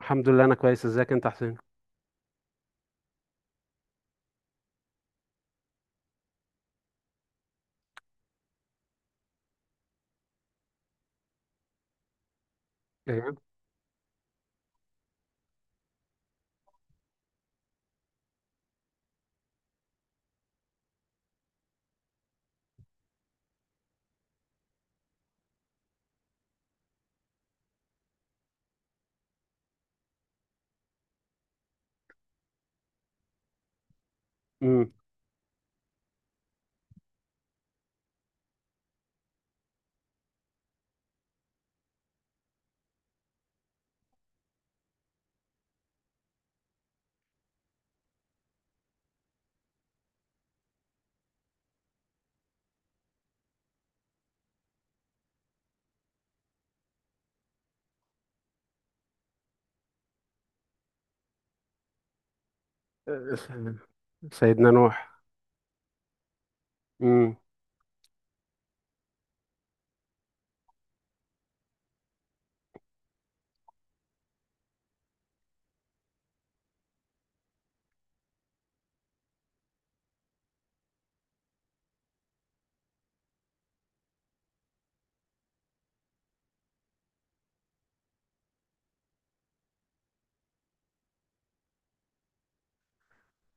الحمد لله انا كويس، ازيك انت يا حسين؟ ايوه. امم سيدنا نوح. امم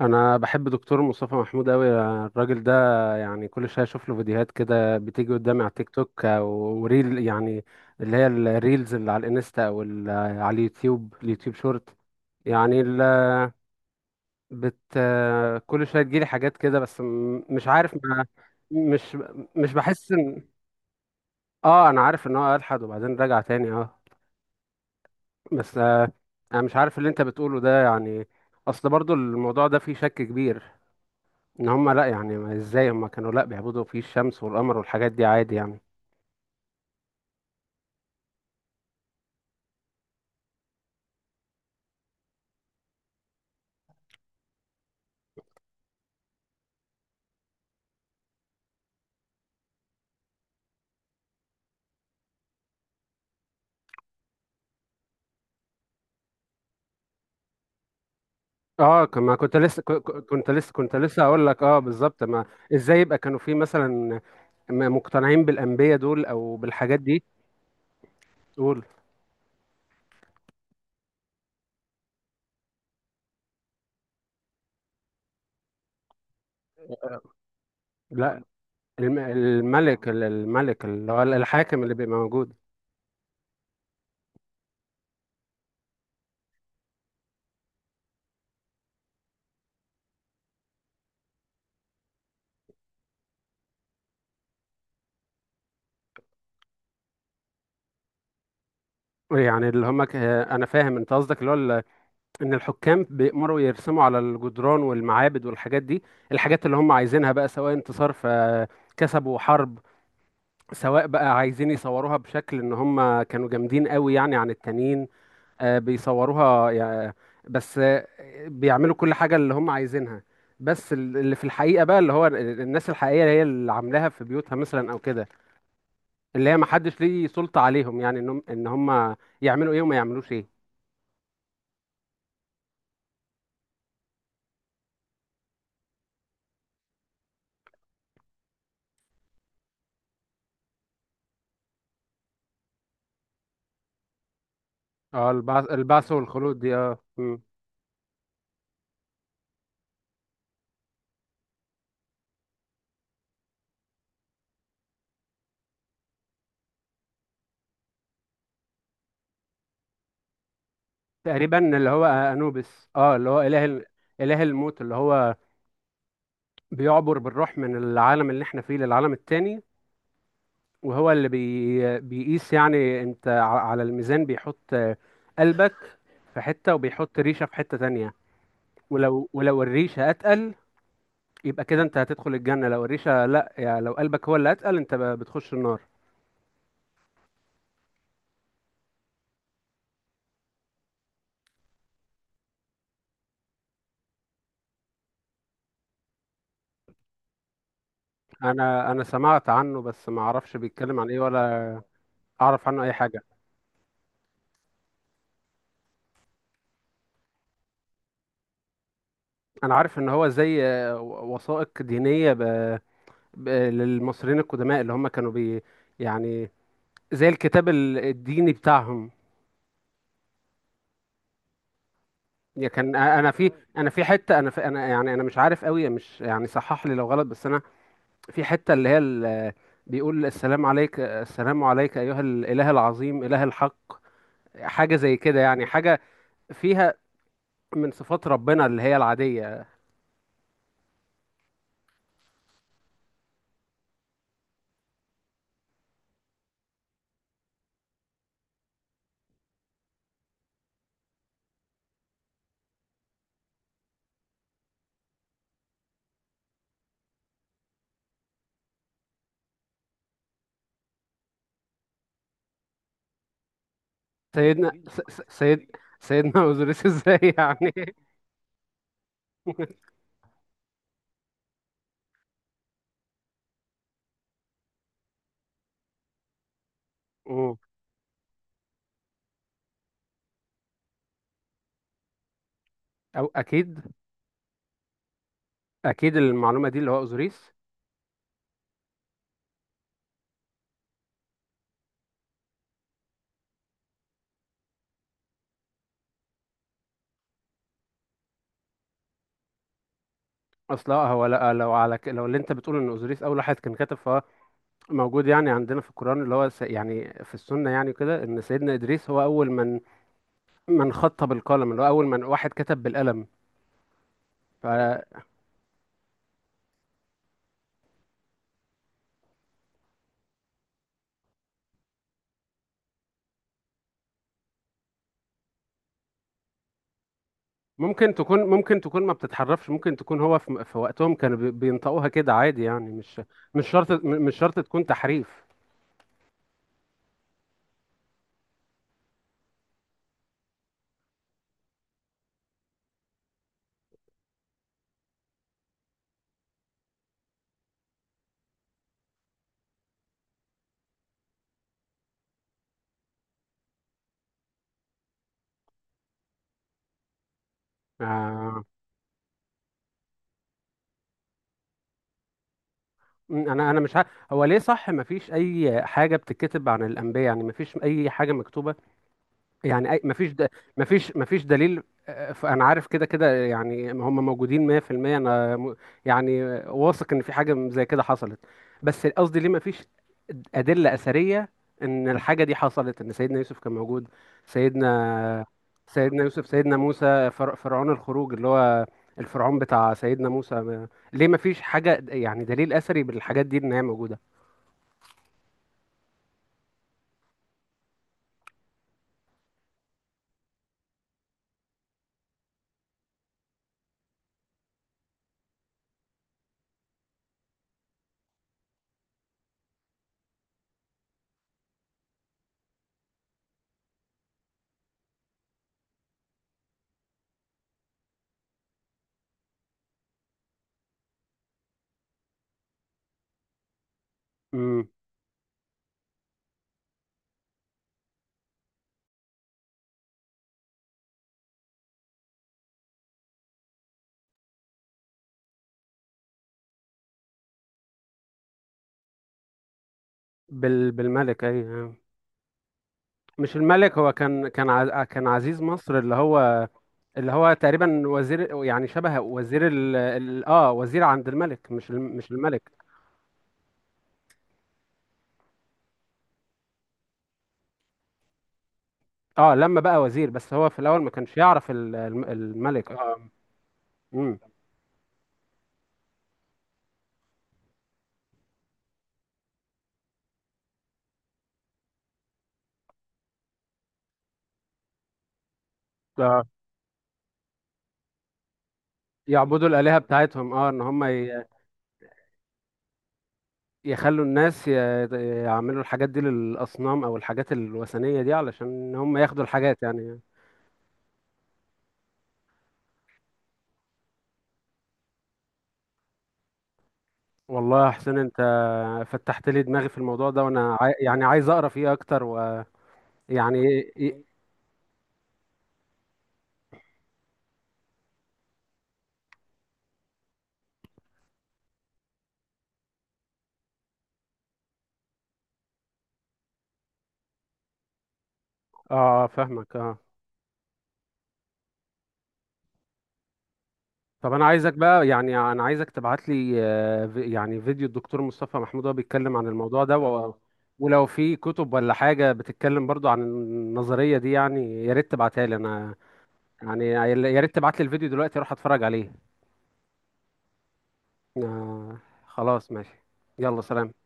انا بحب دكتور مصطفى محمود قوي، الراجل ده، يعني كل شويه اشوف له فيديوهات كده بتيجي قدامي على تيك توك وريل يعني، اللي هي الريلز اللي على الانستا او على اليوتيوب، اليوتيوب شورت يعني ال- بت كل شويه تجيلي حاجات كده، بس مش عارف ما. مش مش بحس ان، اه انا عارف ان هو الحد وبعدين رجع تاني آه. بس انا مش عارف اللي انت بتقوله ده يعني، اصل برضو الموضوع ده فيه شك كبير، ان هم لا يعني ازاي هم كانوا لا بيعبدوا فيه الشمس والقمر والحاجات دي عادي يعني. اه، كما كنت لسه، كنت لسه، هقول لك اه بالظبط ما. ازاي يبقى كانوا فيه مثلا، مقتنعين بالانبياء دول او بالحاجات دي؟ قول. لا، الملك، الملك اللي هو الحاكم اللي بيبقى موجود. يعني انا فاهم انت قصدك اللي هو ان الحكام بيأمروا يرسموا على الجدران والمعابد والحاجات دي، الحاجات اللي هم عايزينها بقى، سواء انتصار فكسبوا حرب، سواء بقى عايزين يصوروها بشكل ان هم كانوا جامدين قوي يعني عن التانيين. آه، بيصوروها يع- بس آه، بيعملوا كل حاجة اللي هم عايزينها، بس اللي في الحقيقة بقى اللي هو الناس الحقيقية هي اللي عاملاها في بيوتها مثلا او كده، اللي هي محدش ليه سلطة عليهم يعني ان هم ان هم يعملوا ايه وما يعملوش ايه. اه، البعث، والخلود دي اه. تقريبا اللي هو انوبيس اه، اللي هو اله الموت، اللي هو بيعبر بالروح من العالم اللي احنا فيه للعالم التاني، وهو اللي بيقيس، يعني انت على الميزان بيحط قلبك في حتة، وبيحط ريشة في حتة تانية. ولو الريشة اتقل يبقى كده انت هتدخل الجنة، لو الريشة لا، يعني لو قلبك هو اللي اتقل انت بتخش النار. انا سمعت عنه، بس ما اعرفش بيتكلم عن ايه ولا اعرف عنه اي حاجة. انا عارف ان هو زي وثائق دينية للمصريين القدماء اللي هم كانوا بي يعني زي الكتاب الديني بتاعهم. يعني كان، انا في، انا مش عارف قوي، مش يعني، صحح لي لو غلط، بس انا في حته اللي هي بيقول السلام عليك، السلام عليك ايها الاله العظيم، اله الحق. حاجه زي كده يعني، حاجه فيها من صفات ربنا اللي هي العاديه. سيدنا س- س- سيد سيدنا اوزوريس ازاي يعني؟ أمم. أو أكيد. أكيد المعلومة دي اللي هو أوزوريس. اصل هو لا، لو اللي انت بتقول ان اوزوريس اول واحد كان كاتب، فهو موجود يعني عندنا في القران، اللي هو يعني في السنه يعني كده، ان سيدنا ادريس هو اول من خط بالقلم، اللي هو اول واحد كتب بالقلم. فممكن تكون، ممكن تكون ما بتتحرفش، ممكن تكون هو في وقتهم كانوا بينطقوها كده عادي يعني، مش شرط، مش شرط تكون تحريف. آه... انا مش هو ليه صح ما فيش اي حاجه بتتكتب عن الانبياء؟ يعني ما فيش اي حاجه مكتوبه يعني، مفيش مفيش دليل. انا عارف كده كده يعني هم موجودين 100%، انا يعني واثق ان في حاجه زي كده حصلت، بس قصدي ليه مفيش ادله اثريه ان الحاجه دي حصلت، ان سيدنا يوسف كان موجود، سيدنا سيدنا يوسف، سيدنا موسى، فرعون الخروج اللي هو الفرعون بتاع سيدنا موسى، ليه مفيش حاجه يعني دليل اثري بالحاجات دي ان هي موجوده؟ امم بالملك اي. مش الملك هو كان، كان عزيز مصر اللي هو، اللي هو تقريبا وزير يعني، شبه وزير اه وزير عند الملك، مش مش الملك. اه لما بقى وزير، بس هو في الاول ما كانش يعرف الملك اه. امم آه. يعبدوا الآلهة بتاعتهم، اه ان هم يخلوا الناس يعملوا الحاجات دي للأصنام او الحاجات الوثنية دي علشان هم ياخدوا الحاجات يعني. والله يا حسين انت فتحت لي دماغي في الموضوع ده، وانا يعني عايز اقرا فيه اكتر ويعني. اه، فاهمك اه. طب انا عايزك بقى، يعني انا عايزك تبعت لي يعني فيديو الدكتور مصطفى محمود وهو بيتكلم عن الموضوع ده ولو في كتب ولا حاجة بتتكلم برضو عن النظرية دي، يعني يا ريت تبعتها لي انا، يعني يا ريت تبعت لي الفيديو دلوقتي اروح اتفرج عليه. آه، خلاص ماشي. يلا سلام.